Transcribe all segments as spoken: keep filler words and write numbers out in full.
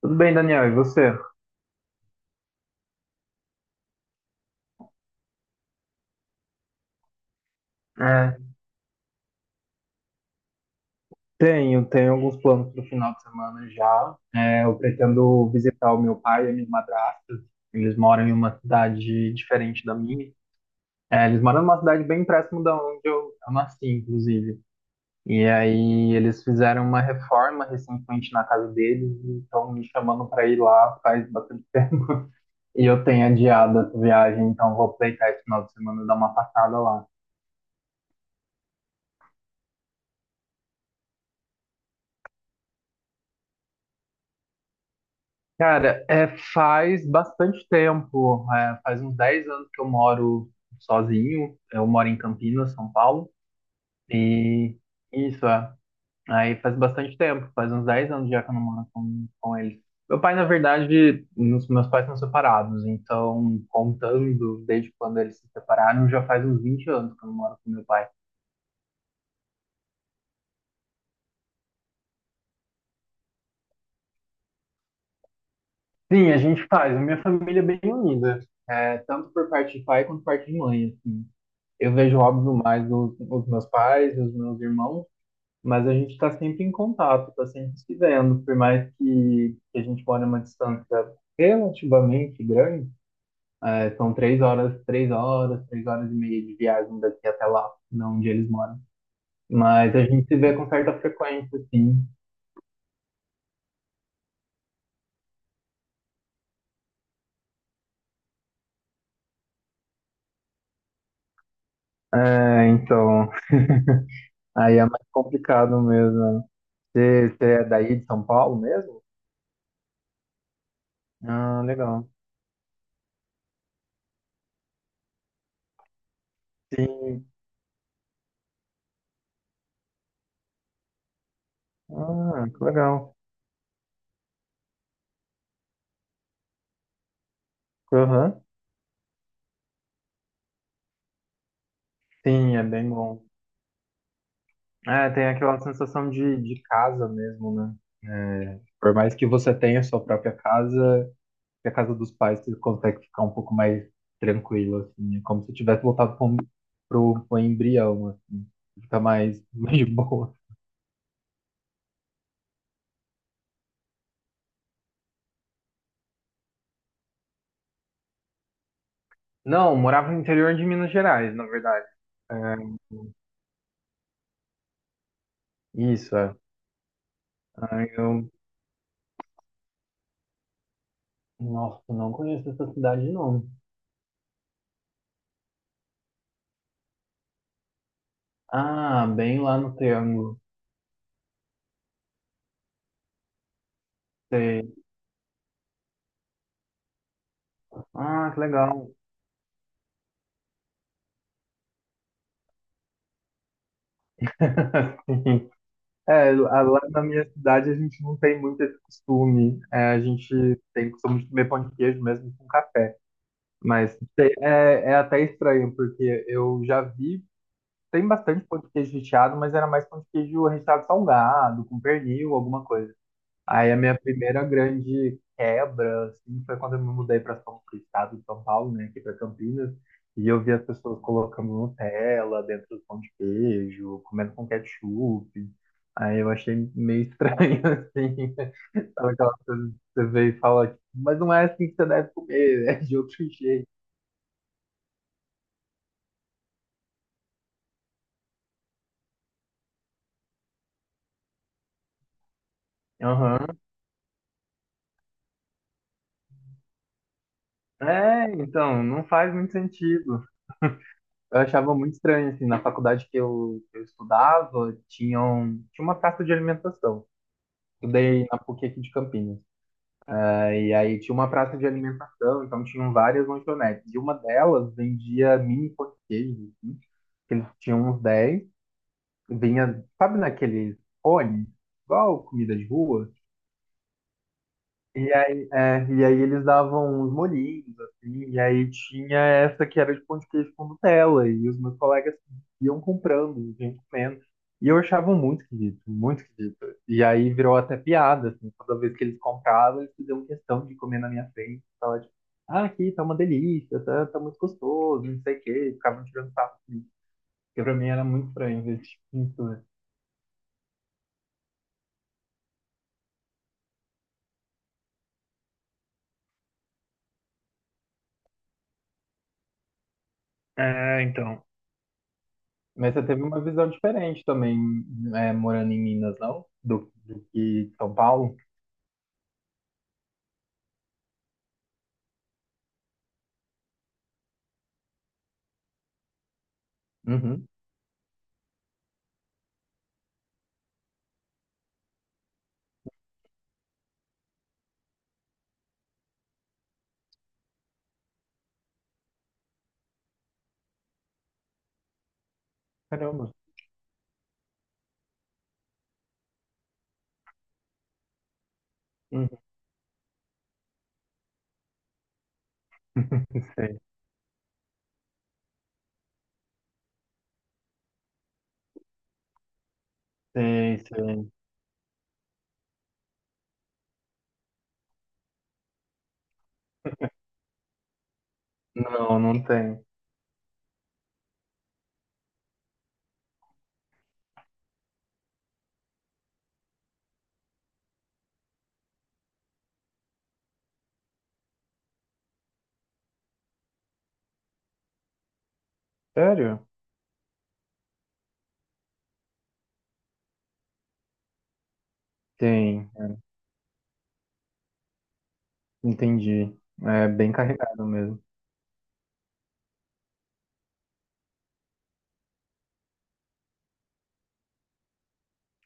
Tudo bem, Daniel, e você? É, Tenho, tenho alguns planos para o final de semana já. É, eu pretendo visitar o meu pai e a minha madrasta. Eles moram em uma cidade diferente da minha. É, eles moram numa cidade bem próximo da onde eu, eu nasci, inclusive. E aí eles fizeram uma reforma recentemente na casa deles e estão me chamando para ir lá faz bastante tempo. E eu tenho adiado essa viagem, então vou aproveitar esse final de semana e dar uma passada lá. Cara, é, faz bastante tempo, é, faz uns dez anos que eu moro sozinho. Eu moro em Campinas, São Paulo, e isso, é, aí faz bastante tempo, faz uns dez anos já que eu não moro com, com eles. Meu pai, na verdade, nos- meus pais são separados, então, contando desde quando eles se separaram, já faz uns vinte anos que eu não moro com meu pai. Sim, a gente faz, a minha família é bem unida, é, tanto por parte de pai quanto por parte de mãe, assim. Eu vejo, óbvio, mais os, os meus pais, os meus irmãos, mas a gente está sempre em contato, está sempre se vendo, por mais que, que a gente mora uma distância relativamente grande. É, são três horas, três horas, três horas e meia de viagem daqui até lá, não onde eles moram. Mas a gente se vê com certa frequência, assim. É, então, aí é mais complicado mesmo. Você, você é daí de São Paulo mesmo? Ah, legal. Sim. Ah, que legal. Aham. Sim, é bem bom. É, tem aquela sensação de, de casa mesmo, né? Por mais que você tenha sua própria casa, que a casa dos pais você consegue ficar um pouco mais tranquilo, assim. É como se tivesse voltado para um, pro, pro embrião, assim. Fica mais, mais de boa. Não, eu morava no interior de Minas Gerais, na verdade. É, isso, é. Ah, eu... Nossa, não conheço essa cidade, não. Ah, bem lá no Triângulo. Sei. Ah, que legal. É, lá lá na minha cidade a gente não tem muito esse costume. É, a gente tem costume de comer pão de queijo mesmo com café. Mas te- é, é até estranho, porque eu já vi, tem bastante pão de queijo recheado, mas era mais pão de queijo recheado salgado, com pernil, alguma coisa. Aí a minha primeira grande quebra, assim, foi quando eu me mudei para São pro estado de São Paulo, né, aqui para Campinas, e eu vi as pessoas colocando Nutella dentro do pão de queijo, comendo com ketchup. Aí eu achei meio estranho, assim, sabe aquela coisa que você vê e fala, tipo, mas não é assim que você deve comer, é de outro jeito. Aham. É, então, não faz muito sentido. Eu achava muito estranho, assim, na faculdade que eu, que eu estudava, tinham, tinha uma praça de alimentação. Estudei na PUC aqui de Campinas. É, e aí tinha uma praça de alimentação, então tinham várias lanchonetes. E uma delas vendia mini pão de queijo, assim, que eles tinham uns dez. Vinha, sabe naqueles cones? Igual comida de rua. E aí, é, e aí eles davam uns molhinhos, assim, e aí tinha essa que era de pão de queijo com Nutella, e os meus colegas iam comprando, e iam comendo. E eu achava muito esquisito, muito esquisito. E aí virou até piada, assim, toda vez que eles compravam, eles faziam questão de comer na minha frente. Tava tipo, ah, aqui tá uma delícia, tá, tá muito gostoso, não sei o quê, e ficavam tirando sarro, assim, que pra mim era muito estranho esse tipo de pintura. É, então. Mas você teve uma visão diferente também, é, morando em Minas, não? Do, do que São Paulo? Uhum. Caramba. Uhum. Sei, sei, sei. Não, não tem. Sério? Tem, é. Entendi. É bem carregado mesmo.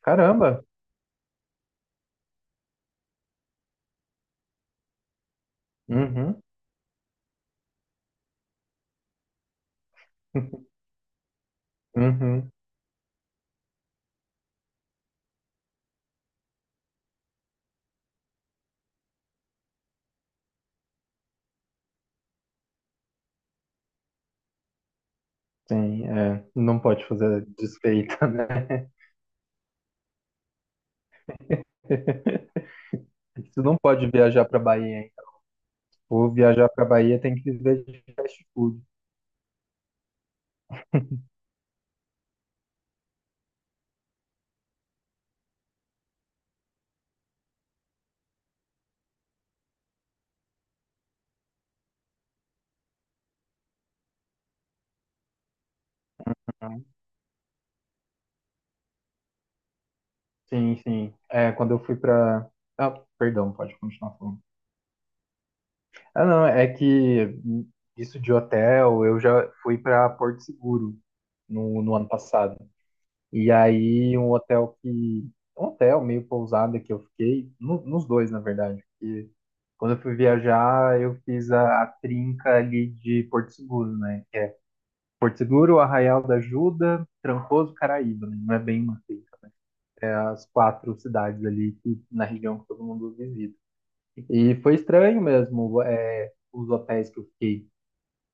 Caramba. Uhum. Uhum. Tem. É. Não pode fazer desfeita, né? Você não pode viajar para Bahia, hein? Ou viajar para Bahia tem que viver de fast food. Sim, sim. É, quando eu fui pra. Ah, perdão, pode continuar falando. Ah, não, é que isso de hotel, eu já fui pra Porto Seguro no, no ano passado. E aí, um hotel que. Um hotel meio pousada que eu fiquei, no- nos dois, na verdade. Porque quando eu fui viajar, eu fiz a, a trinca ali de Porto Seguro, né? Porto Seguro, Arraial da Ajuda, Trancoso, Caraíba, né? Não é bem uma trinca. As quatro cidades ali que, na região que todo mundo visita. E foi estranho mesmo, é, os hotéis que eu fiquei.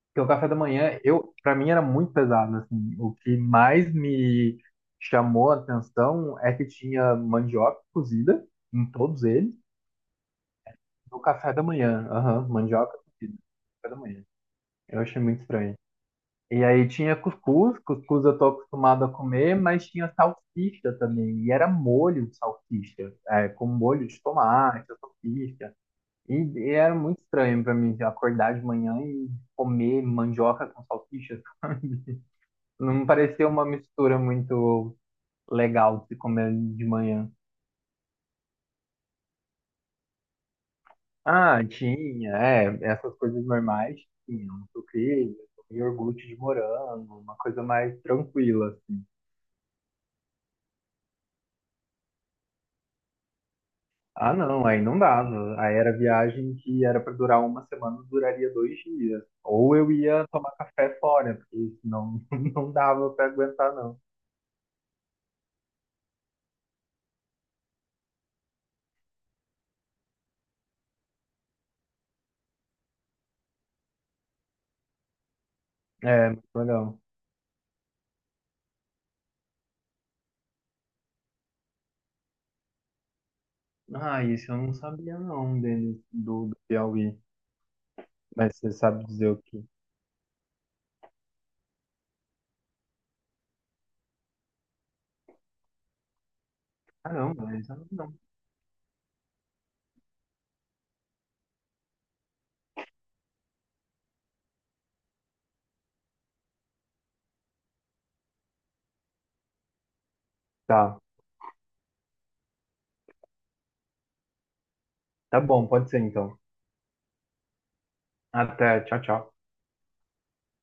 Porque o café da manhã, eu, para mim era muito pesado, assim. O que mais me chamou a atenção é que tinha mandioca cozida em todos eles no café da manhã. Aham, mandioca cozida no café da manhã. Eu achei muito estranho. E aí tinha cuscuz, cuscuz eu tô acostumado a comer, mas tinha salsicha também. E era molho de salsicha, é, com molho de tomate, salsicha. E e era muito estranho pra mim acordar de manhã e comer mandioca com salsicha. Não parecia uma mistura muito legal de se comer de manhã. Ah, tinha, é, essas coisas normais, tinha um sucrilho, um iogurte de morango, uma coisa mais tranquila. Ah, não, aí não dava. Aí era viagem que era pra durar uma semana, duraria dois dias. Ou eu ia tomar café fora, porque senão não dava pra aguentar, não. É, muito legal. Ah, isso eu não sabia não dele, do, do Piauí. Mas você sabe dizer o que? Caramba, isso eu não. Tá, tá bom, pode ser então. Até, tchau, tchau.